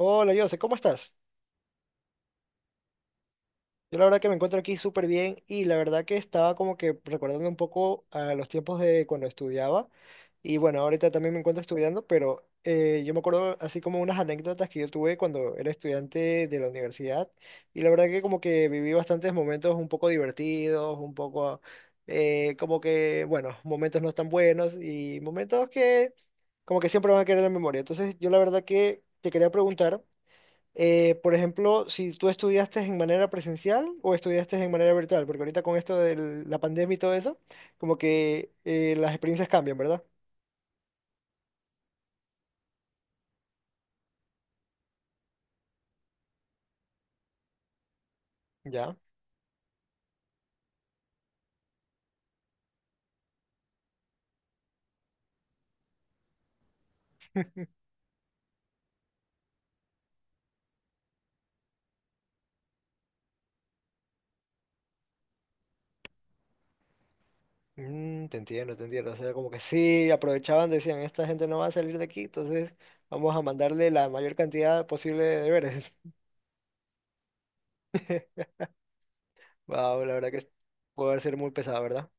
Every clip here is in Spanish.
Hola, Jose, ¿cómo estás? Yo la verdad que me encuentro aquí súper bien y la verdad que estaba como que recordando un poco a los tiempos de cuando estudiaba y bueno, ahorita también me encuentro estudiando, pero yo me acuerdo así como unas anécdotas que yo tuve cuando era estudiante de la universidad y la verdad que como que viví bastantes momentos un poco divertidos, un poco como que, bueno, momentos no tan buenos y momentos que como que siempre van a quedar en la memoria. Entonces yo la verdad que te quería preguntar. Por ejemplo, si tú estudiaste en manera presencial o estudiaste en manera virtual, porque ahorita con esto de la pandemia y todo eso, como que las experiencias cambian, ¿verdad? Ya. Mm, te entiendo, te entiendo. O sea, como que sí, aprovechaban, decían, esta gente no va a salir de aquí, entonces vamos a mandarle la mayor cantidad posible de deberes. Wow, la verdad que puede ser muy pesado, ¿verdad?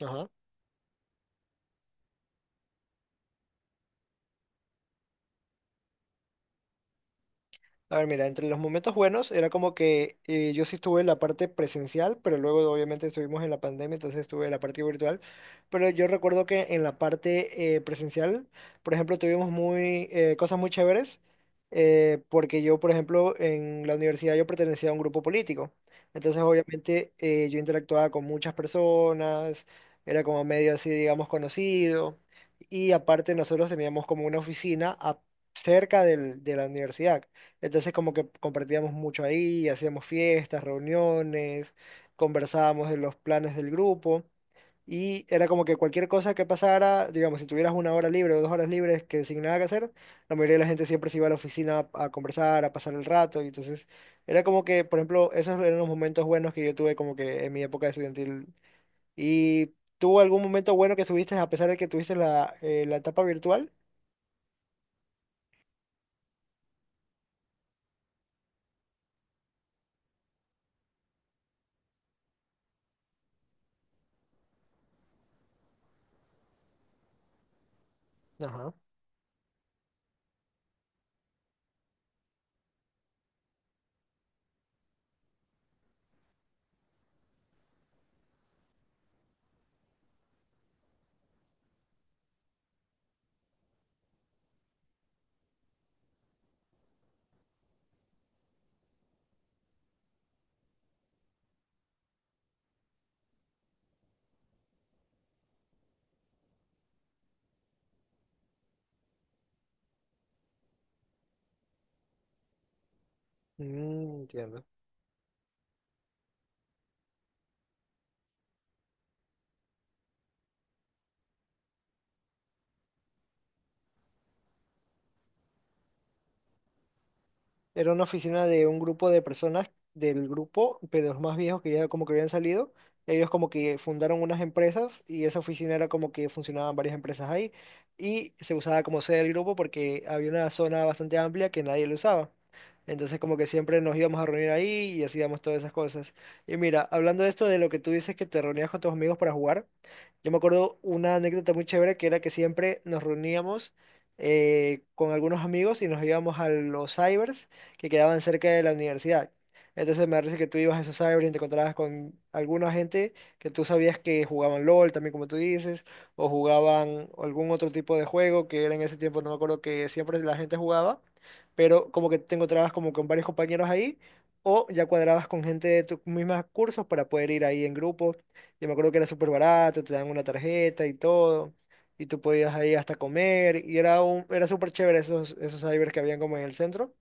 Ajá. A ver, mira, entre los momentos buenos era como que yo sí estuve en la parte presencial, pero luego obviamente estuvimos en la pandemia, entonces estuve en la parte virtual. Pero yo recuerdo que en la parte presencial, por ejemplo, tuvimos muy, cosas muy chéveres, porque yo, por ejemplo, en la universidad yo pertenecía a un grupo político. Entonces, obviamente, yo interactuaba con muchas personas, era como medio así, digamos, conocido. Y aparte, nosotros teníamos como una cerca de la universidad. Entonces como que compartíamos mucho ahí, hacíamos fiestas, reuniones, conversábamos de los planes del grupo y era como que cualquier cosa que pasara, digamos, si tuvieras una hora libre o dos horas libres que sin nada que hacer, la mayoría de la gente siempre se iba a la oficina a conversar, a pasar el rato y entonces era como que, por ejemplo, esos eran los momentos buenos que yo tuve como que en mi época estudiantil. ¿Y tuvo algún momento bueno que tuviste a pesar de que tuviste la, la etapa virtual? Ajá. Mm, entiendo. Era una oficina de un grupo de personas del grupo, pero los más viejos que ya como que habían salido, ellos como que fundaron unas empresas y esa oficina era como que funcionaban varias empresas ahí y se usaba como sede del grupo porque había una zona bastante amplia que nadie lo usaba. Entonces como que siempre nos íbamos a reunir ahí y hacíamos todas esas cosas. Y mira, hablando de esto de lo que tú dices que te reunías con tus amigos para jugar, yo me acuerdo una anécdota muy chévere que era que siempre nos reuníamos con algunos amigos y nos íbamos a los cybers que quedaban cerca de la universidad. Entonces me parece que tú ibas a esos cyber y te encontrabas con alguna gente que tú sabías que jugaban LOL también, como tú dices, o jugaban algún otro tipo de juego que era en ese tiempo, no me acuerdo que siempre la gente jugaba, pero como que te encontrabas como con varios compañeros ahí. O ya cuadrabas con gente de tus mismos cursos para poder ir ahí en grupo. Yo me acuerdo que era súper barato, te dan una tarjeta y todo y tú podías ahí hasta comer y era un era súper chévere esos esos cybers que habían como en el centro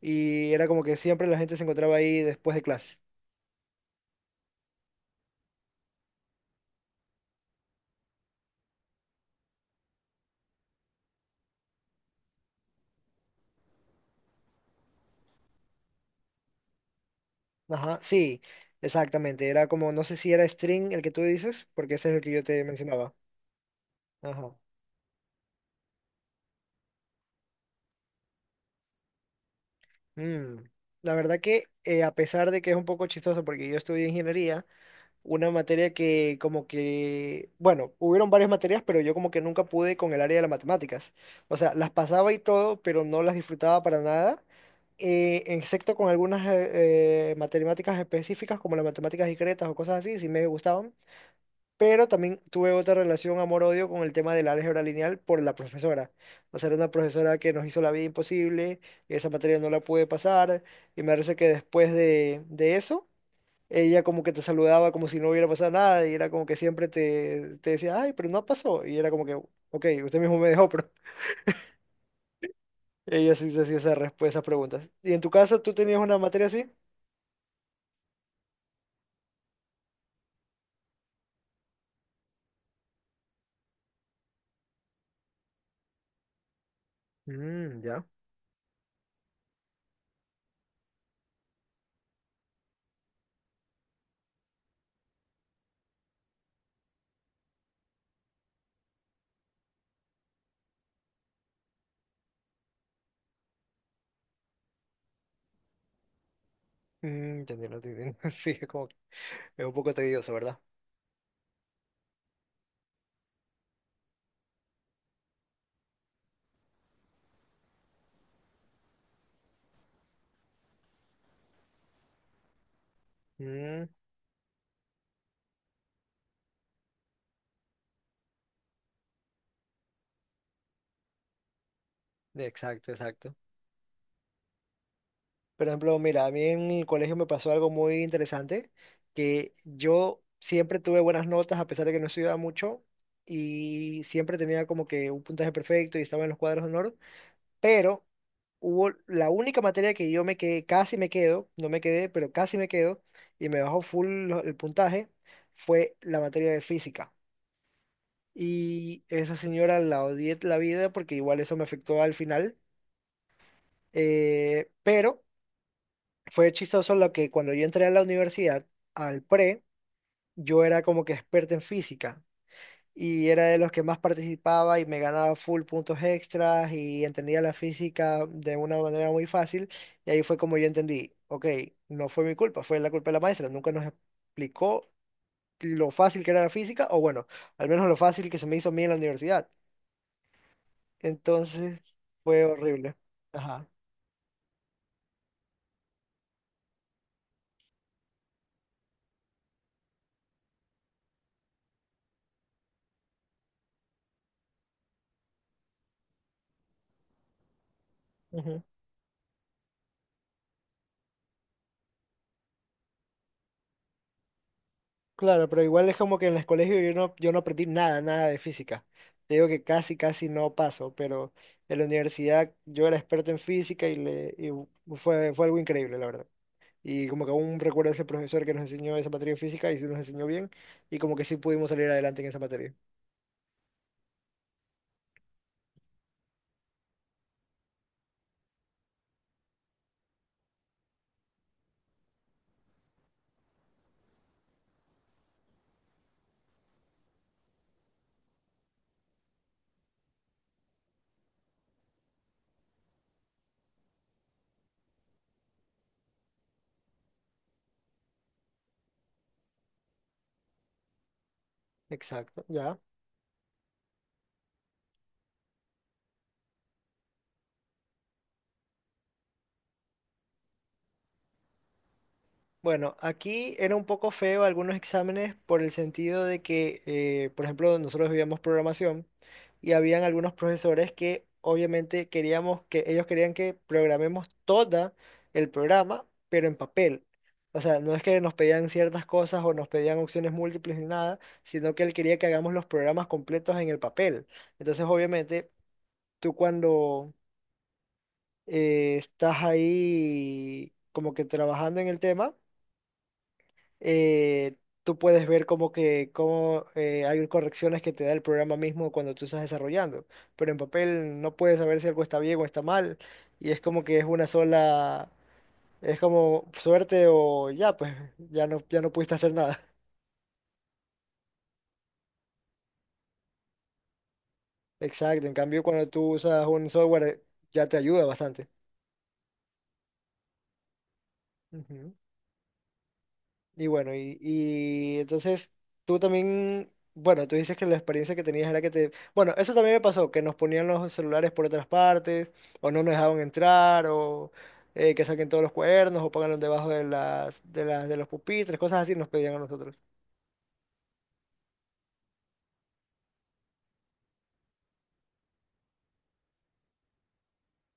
y era como que siempre la gente se encontraba ahí después de clases. Ajá, sí, exactamente. Era como, no sé si era string el que tú dices, porque ese es el que yo te mencionaba. Ajá. Mm. La verdad que a pesar de que es un poco chistoso porque yo estudié ingeniería, una materia que como que, bueno, hubieron varias materias, pero yo como que nunca pude con el área de las matemáticas. O sea, las pasaba y todo, pero no las disfrutaba para nada, excepto con algunas matemáticas específicas como las matemáticas discretas o cosas así, sí me gustaban. Pero también tuve otra relación amor-odio con el tema del álgebra lineal por la profesora. O sea, era una profesora que nos hizo la vida imposible, y esa materia no la pude pasar, y me parece que después de eso, ella como que te saludaba como si no hubiera pasado nada, y era como que siempre te, te decía, ay, pero no pasó, y era como que, ok, usted mismo me dejó, pero ella sí se hacía esas preguntas. ¿Y en tu caso tú tenías una materia así? Mm, ya. Mm, entendiendo, entendiendo. Sí, es como que es un poco tedioso, ¿verdad? Mm, exacto, exacto. Por ejemplo, mira, a mí en el colegio me pasó algo muy interesante, que yo siempre tuve buenas notas a pesar de que no estudiaba mucho y siempre tenía como que un puntaje perfecto y estaba en los cuadros de honor, pero hubo la única materia que yo me quedé, casi me quedo, no me quedé, pero casi me quedo y me bajó full el puntaje, fue la materia de física. Y esa señora la odié la vida porque igual eso me afectó al final, pero... fue chistoso lo que cuando yo entré a la universidad, al pre, yo era como que experto en física y era de los que más participaba y me ganaba full puntos extras y entendía la física de una manera muy fácil. Y ahí fue como yo entendí, ok, no fue mi culpa, fue la culpa de la maestra, nunca nos explicó lo fácil que era la física o bueno, al menos lo fácil que se me hizo a mí en la universidad. Entonces fue horrible. Ajá. Claro, pero igual es como que en el colegio yo no, yo no aprendí nada, nada de física. Te digo que casi, casi no paso, pero en la universidad yo era experto en física y, le, y fue, fue algo increíble, la verdad. Y como que aún recuerdo a ese profesor que nos enseñó esa materia de física y sí nos enseñó bien y como que sí pudimos salir adelante en esa materia. Exacto, ya. Bueno, aquí era un poco feo algunos exámenes por el sentido de que, por ejemplo, nosotros vivíamos programación y habían algunos profesores que obviamente queríamos que ellos querían que programemos todo el programa, pero en papel. O sea, no es que nos pedían ciertas cosas o nos pedían opciones múltiples ni nada, sino que él quería que hagamos los programas completos en el papel. Entonces, obviamente, tú cuando estás ahí como que trabajando en el tema eh, tú puedes ver como que cómo hay correcciones que te da el programa mismo cuando tú estás desarrollando, pero en papel no puedes saber si algo está bien o está mal, y es como que es una sola, es como suerte o ya, pues ya no, ya no pudiste hacer nada. Exacto, en cambio cuando tú usas un software ya te ayuda bastante. Ujú. Y bueno, y entonces tú también, bueno, tú dices que la experiencia que tenías era que te... Bueno, eso también me pasó, que nos ponían los celulares por otras partes, o no nos dejaban entrar, o que saquen todos los cuadernos, o pónganlos debajo de las, de los pupitres, cosas así nos pedían a nosotros.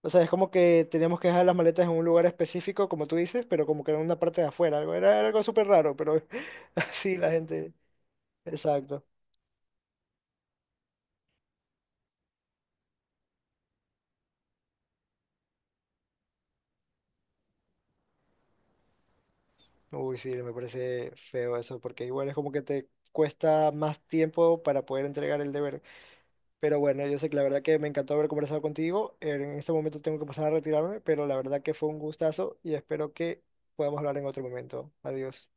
O sea, es como que teníamos que dejar las maletas en un lugar específico, como tú dices, pero como que en una parte de afuera, algo, era algo súper raro, pero así la gente... Exacto. Uy, sí, me parece feo eso, porque igual es como que te cuesta más tiempo para poder entregar el deber. Pero bueno, yo sé que la verdad que me encantó haber conversado contigo. En este momento tengo que pasar a retirarme, pero la verdad que fue un gustazo y espero que podamos hablar en otro momento. Adiós.